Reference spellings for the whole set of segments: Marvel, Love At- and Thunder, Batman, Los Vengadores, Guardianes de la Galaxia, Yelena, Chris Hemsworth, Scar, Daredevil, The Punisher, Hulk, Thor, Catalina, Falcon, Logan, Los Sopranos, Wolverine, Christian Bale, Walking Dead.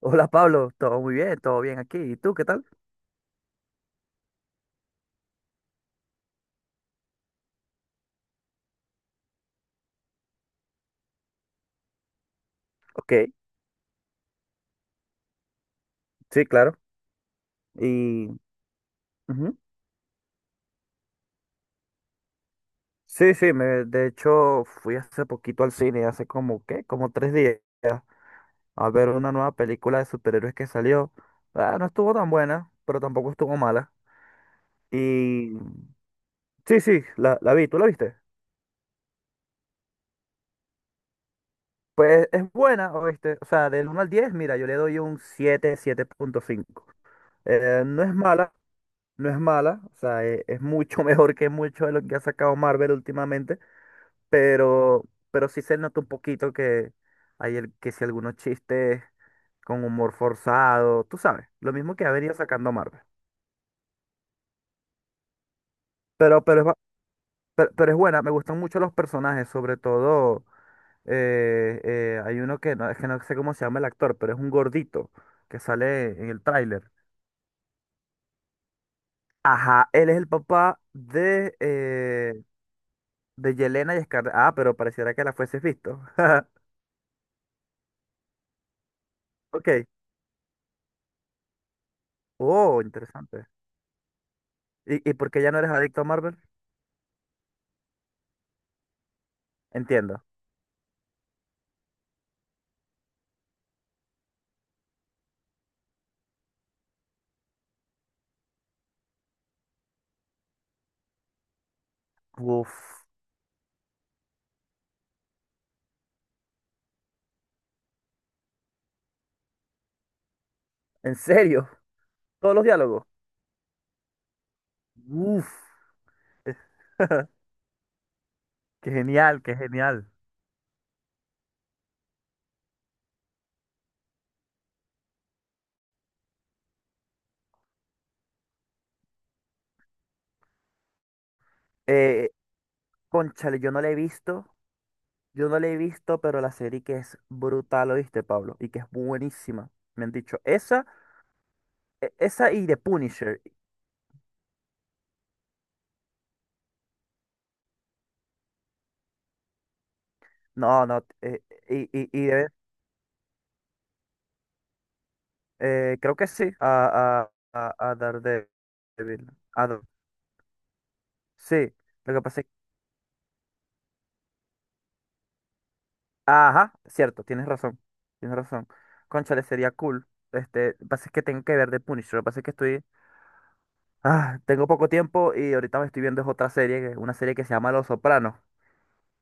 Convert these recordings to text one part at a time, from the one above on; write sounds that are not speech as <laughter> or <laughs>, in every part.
Hola Pablo, todo muy bien, todo bien aquí. ¿Y tú qué tal? Ok, sí, claro. Y ujú. Sí, sí, de hecho fui hace poquito al cine, hace como, ¿qué? Como tres días, a ver una nueva película de superhéroes que salió. Ah, no estuvo tan buena, pero tampoco estuvo mala. Y sí, sí, la vi. ¿Tú la viste? Pues es buena, ¿oíste? O sea, del uno al 10, mira, yo le doy un 7, 7,5. No es mala, no es mala, o sea, es mucho <laughs> mejor que mucho de lo que ha sacado Marvel últimamente. pero, pero sí se nota un poquito que que si algunos chistes con humor forzado, tú sabes, lo mismo que ha venido sacando Marvel. Pero, pero, es, ba- pero es buena. Me gustan mucho los personajes, sobre todo hay uno que no, es que no sé cómo se llama el actor, pero es un gordito que sale en el tráiler. Ajá, él es el papá de Yelena y Scar. Ah, pero pareciera que la fueses visto. <laughs> Ok. Oh, interesante. Y por qué ya no eres adicto a Marvel? Entiendo. Uf, ¿en serio? ¿Todos los diálogos? Uf, <laughs> qué genial, qué genial. Eh, cónchale, yo no la he visto, yo no la he visto, pero la serie que es brutal, ¿oíste, Pablo? Y que es buenísima. Me han dicho, esa, esa y The Punisher. No, no, y, y, y de- creo que sí, a Daredevil. A Dar- sí, lo que pasa ajá, cierto, tienes razón, tienes razón. Cónchale, sería cool. Este, lo que pasa es que tengo que ver The Punisher, lo que pasa es que estoy... Ah, tengo poco tiempo y ahorita me estoy viendo es otra serie, una serie que se llama Los Sopranos.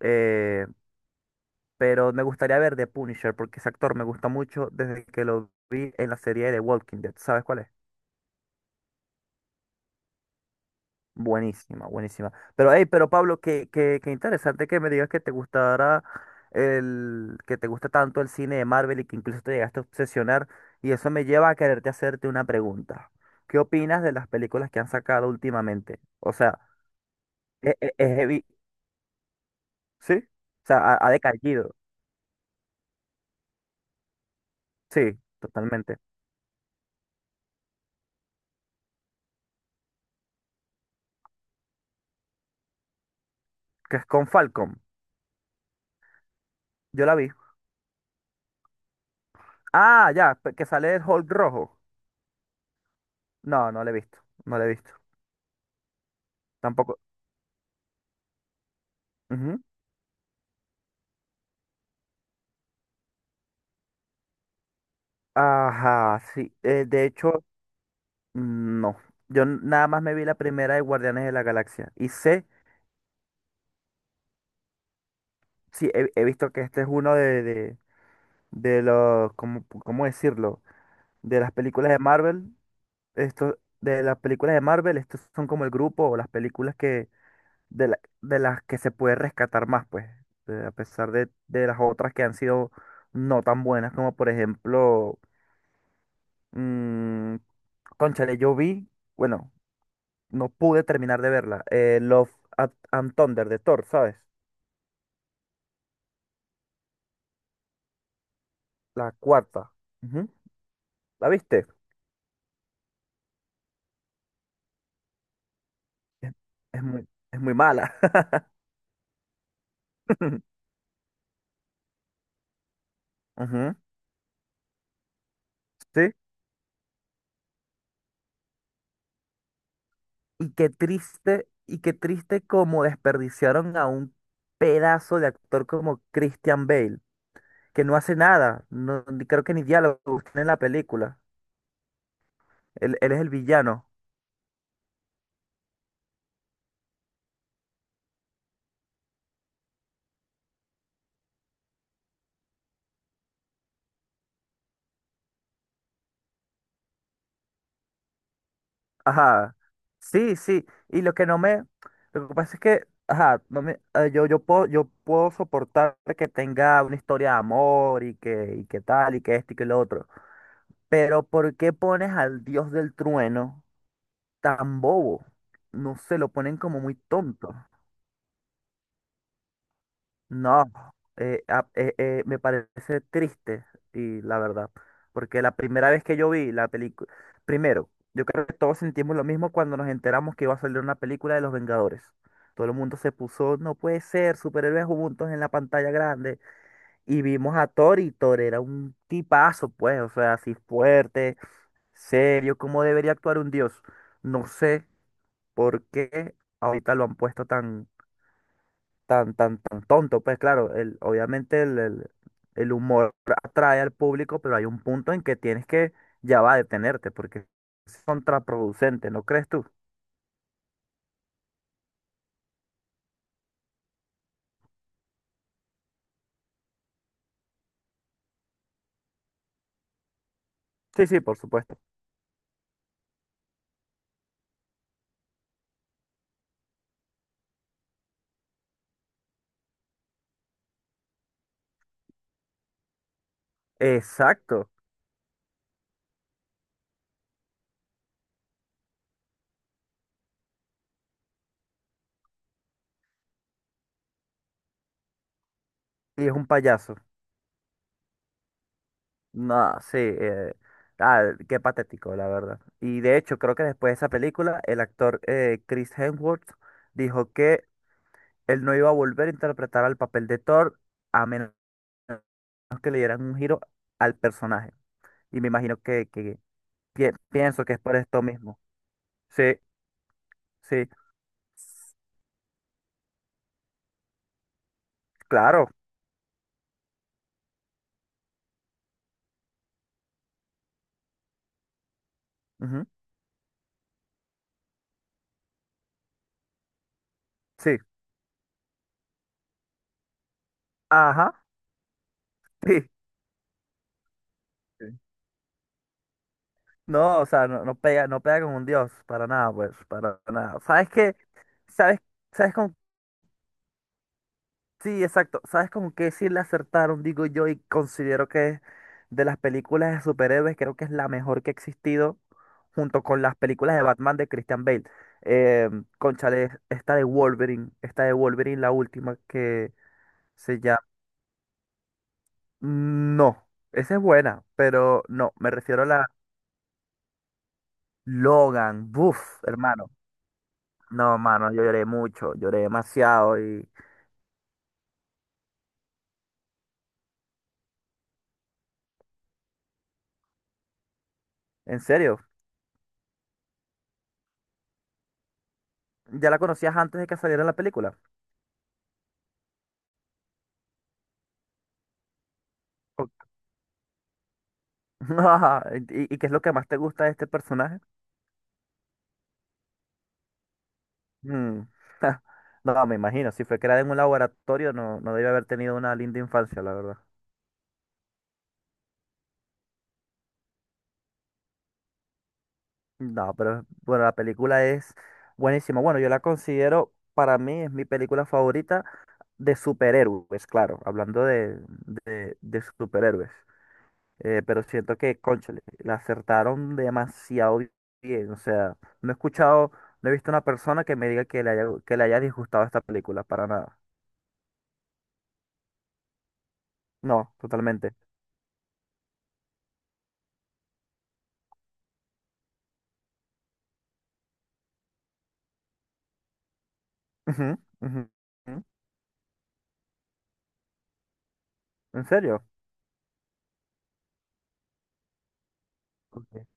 Eh, pero me gustaría ver The Punisher porque ese actor me gusta mucho desde que lo vi en la serie de Walking Dead. ¿Sabes cuál es? Buenísima, buenísima. Pero, hey, pero Pablo, qué interesante que me digas que te gustara que te gusta tanto el cine de Marvel y que incluso te llegaste a obsesionar. Y eso me lleva a quererte hacerte una pregunta. ¿Qué opinas de las películas que han sacado últimamente? O sea, es heavy, ¿sí? O sea, ha decaído. Sí, totalmente. Que es con Falcon. Yo la vi. Ah, ya, que sale el Hulk rojo. No, no la he visto. No la he visto. Tampoco. Ujú. Ajá, sí. Eh, de hecho. No, yo nada más me vi la primera de Guardianes de la Galaxia. Y sé, sí, he, he visto que este es uno de los, ¿cómo, cómo decirlo? De las películas de Marvel, esto, de las películas de Marvel, estos son como el grupo o las películas que, de las que se puede rescatar más, pues, a pesar de las otras que han sido no tan buenas, como por ejemplo, mm, cónchale, yo vi, bueno, no pude terminar de verla, and Thunder de Thor, ¿sabes? La cuarta. Ujú. ¿La viste? Es, es muy, es muy mala. <laughs> Ujú. Sí. Y qué triste como desperdiciaron a un pedazo de actor como Christian Bale, que no hace nada, no, creo que ni diálogo tiene en la película. Él es el villano. Ajá. Sí, sí. Y lo que pasa es que, ajá, no me, yo, yo puedo soportar que tenga una historia de amor y que tal, y que esto y que lo otro. Pero ¿por qué pones al dios del trueno tan bobo? No se lo ponen como muy tonto. No, me parece triste y la verdad, porque la primera vez que yo vi la película, primero, yo creo que todos sentimos lo mismo cuando nos enteramos que iba a salir una película de Los Vengadores. Todo el mundo se puso, no puede ser, superhéroes juntos en la pantalla grande. Y vimos a Thor, y Thor era un tipazo, pues, o sea, así fuerte, serio, cómo debería actuar un dios. No sé por qué ahorita lo han puesto tan tonto. Pues claro, obviamente el humor atrae al público, pero hay un punto en que tienes que ya va a detenerte, porque es contraproducente, ¿no crees tú? Sí, sí, por supuesto. Exacto. Y es un payaso. No, sí, qué patético, la verdad. Y de hecho, creo que después de esa película, el actor Chris Hemsworth dijo que él no iba a volver a interpretar al papel de Thor a menos que le dieran un giro al personaje. Y me imagino que, pienso que es por esto mismo. Sí, sí, claro. Ujú. Sí, ajá, <laughs> sí. Sí. No, o sea, no, no pega, no pega con un dios, para nada, pues, para nada. ¿Sabes qué? ¿Sabes, sabes con, sí, exacto, ¿sabes con qué sí le acertaron, digo yo, y considero que es de las películas de superhéroes, creo que es la mejor que ha existido, junto con las películas de Batman de Christian Bale? Eh, cónchale, esta de Wolverine, la última que se llama... No, esa es buena, pero no, me refiero a la Logan. Buf, hermano. No, mano, yo lloré mucho, lloré demasiado y... En serio, ¿ya la conocías antes de que saliera la película? O- <laughs> ¿Y, y qué es lo que más te gusta de este personaje? Mm, <laughs> no, me imagino, si fue creada en un laboratorio, no, no debe haber tenido una linda infancia, la verdad. No, pero bueno, la película es buenísima. Bueno, yo la considero, para mí es mi película favorita de superhéroes, claro, hablando de superhéroes. Pero siento que, cónchale, la acertaron demasiado bien. O sea, no he escuchado, no he visto una persona que me diga que le haya disgustado esta película, para nada. No, totalmente. Ujú, ujú, ujú. ¿En serio? Ok.